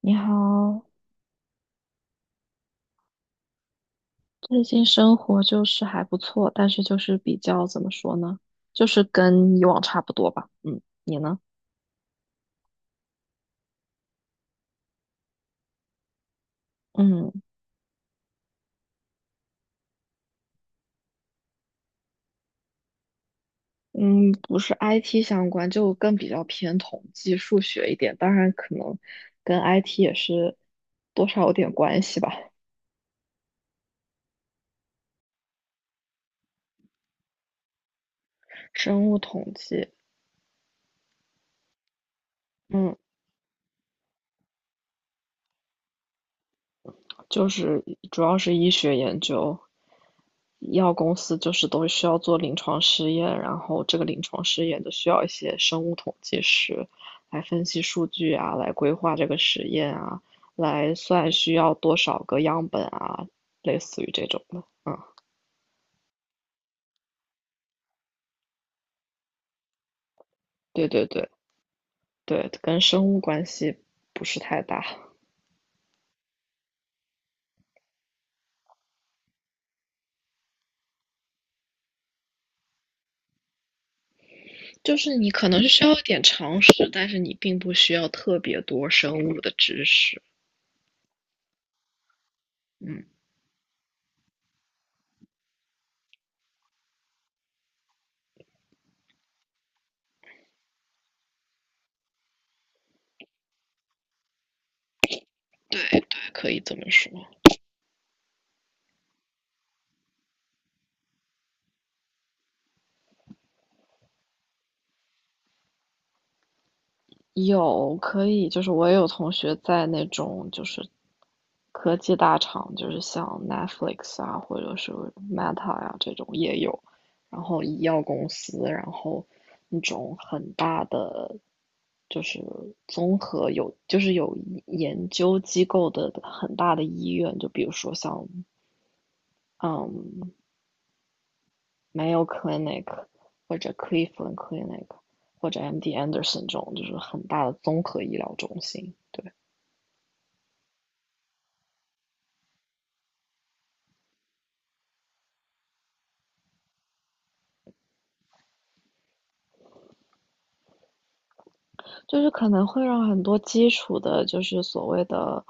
你好，最近生活就是还不错，但是就是比较怎么说呢，就是跟以往差不多吧。嗯，你呢？嗯嗯，不是 IT 相关，就更比较偏统计、数学一点，当然可能跟 IT 也是多少有点关系吧，生物统计。嗯。就是主要是医学研究，医药公司就是都需要做临床试验，然后这个临床试验就需要一些生物统计师来分析数据啊，来规划这个实验啊，来算需要多少个样本啊，类似于这种的。嗯，对对对对，跟生物关系不是太大，就是你可能是需要一点常识，但是你并不需要特别多生物的知识。嗯，对对，可以这么说。有可以，就是我也有同学在那种就是科技大厂，就是像 Netflix 啊，或者是 Meta 呀、这种也有，然后医药公司，然后那种很大的就是综合有就是有研究机构的很大的医院，就比如说像嗯 Mayo Clinic 或者 Cleveland Clinic 或者 MD Anderson 这种，就是很大的综合医疗中心，对。就是可能会让很多基础的，就是所谓的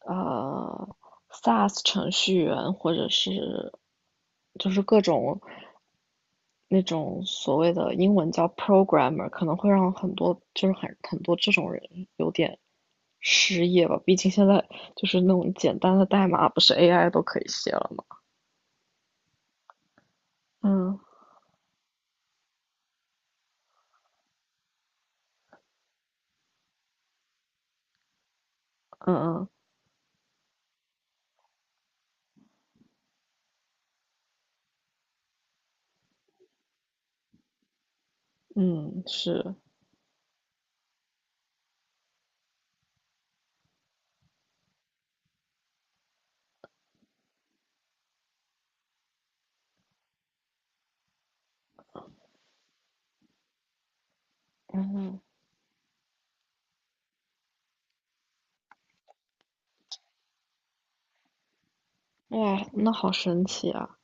呃 SaaS 程序员，或者是就是各种那种所谓的英文叫 programmer，可能会让很多就是很多这种人有点失业吧。毕竟现在就是那种简单的代码，不是 AI 都可以写了吗？嗯嗯嗯嗯，是，嗯，哇，那好神奇啊！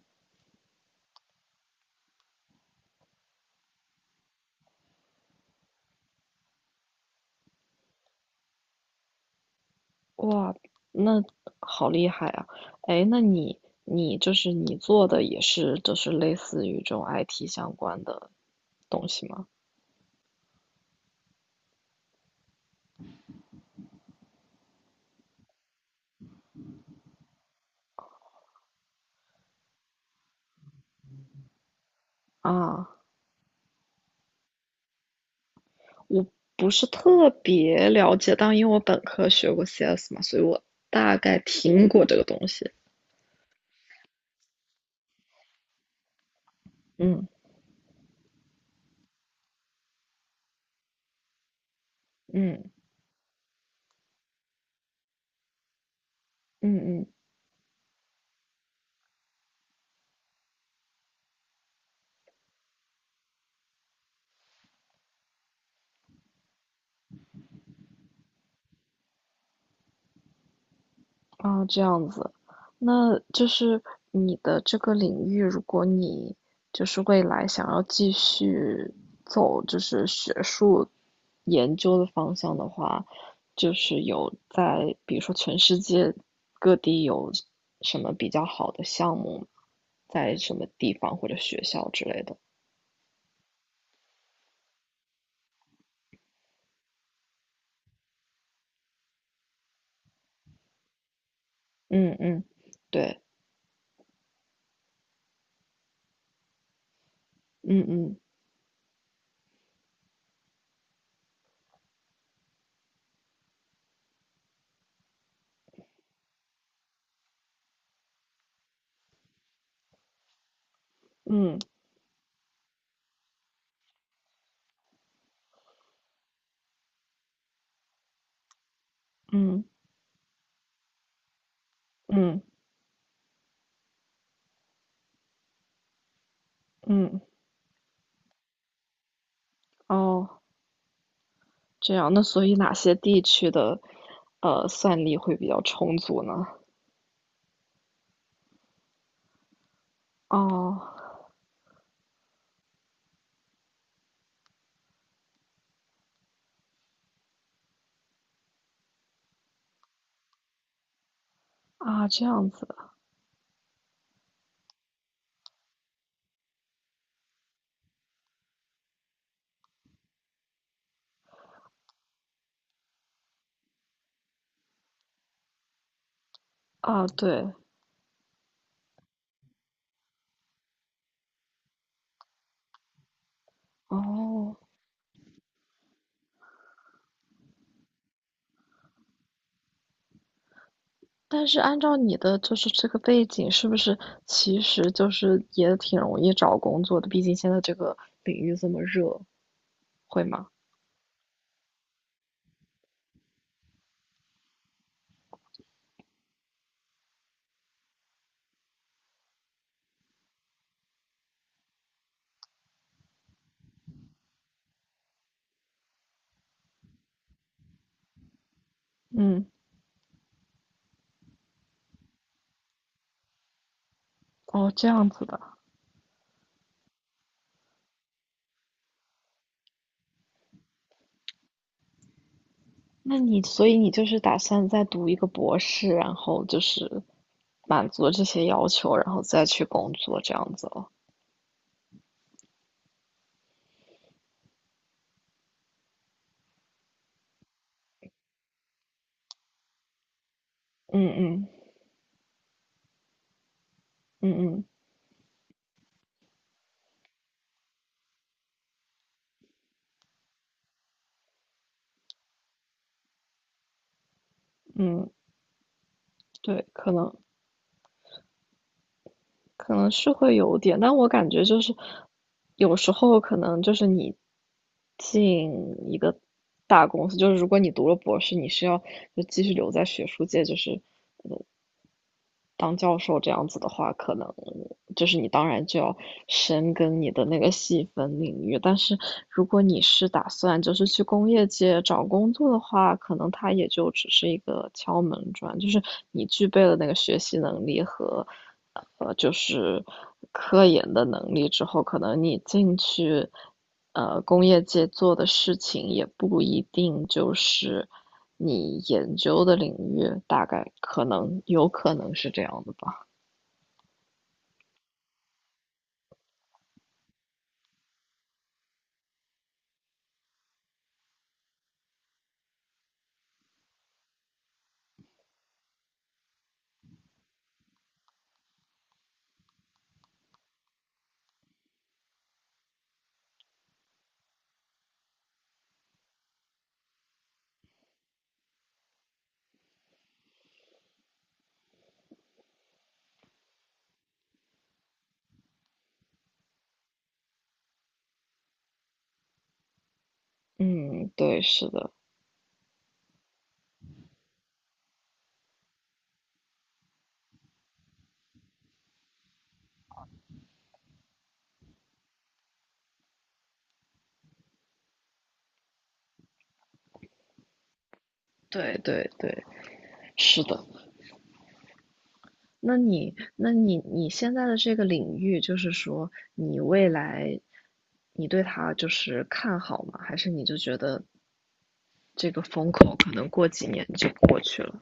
哇，那好厉害啊！哎，那你就是你做的也是就是类似于这种 IT 相关的东西吗？啊，我不是特别了解，但因为我本科学过 CS 嘛，所以我大概听过这个东西。嗯嗯嗯嗯哦，这样子，那就是你的这个领域，如果你就是未来想要继续走就是学术研究的方向的话，就是有在比如说全世界各地有什么比较好的项目，在什么地方或者学校之类的。嗯嗯，对，嗯嗯嗯嗯嗯嗯，哦。这样，那所以哪些地区的算力会比较充足呢？哦，啊，这样子啊，对，哦，但是按照你的就是这个背景，是不是其实就是也挺容易找工作的？毕竟现在这个领域这么热，会吗？嗯，哦，这样子的，那你所以你就是打算再读一个博士，然后就是满足这些要求，然后再去工作这样子哦。嗯嗯嗯嗯嗯。对，可能是会有点，但我感觉就是有时候可能就是你进一个大公司，就是如果你读了博士，你是要就继续留在学术界，就是当教授这样子的话，可能就是你当然就要深耕你的那个细分领域，但是如果你是打算就是去工业界找工作的话，可能它也就只是一个敲门砖，就是你具备了那个学习能力和就是科研的能力之后，可能你进去工业界做的事情也不一定就是。你研究的领域，大概可能有可能是这样的吧。嗯，对，是的，对对对，是的。那你，那你，你现在的这个领域，就是说你未来，你对它就是看好吗？还是你就觉得这个风口可能过几年就过去了？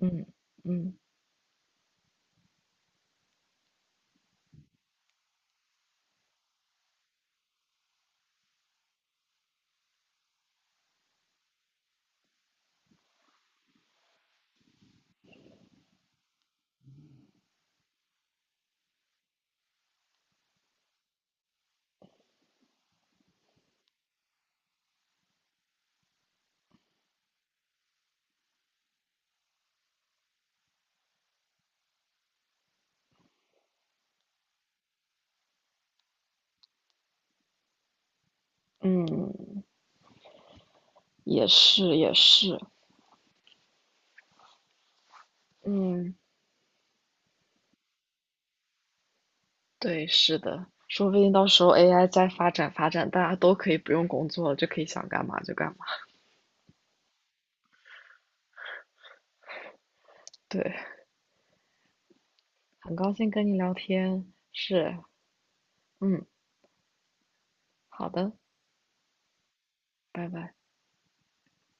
嗯嗯嗯，也是也是，嗯。对，是的，说不定到时候 AI 再发展发展，大家都可以不用工作了，就可以想干嘛就干嘛。对，很高兴跟你聊天，是，嗯，好的，拜拜。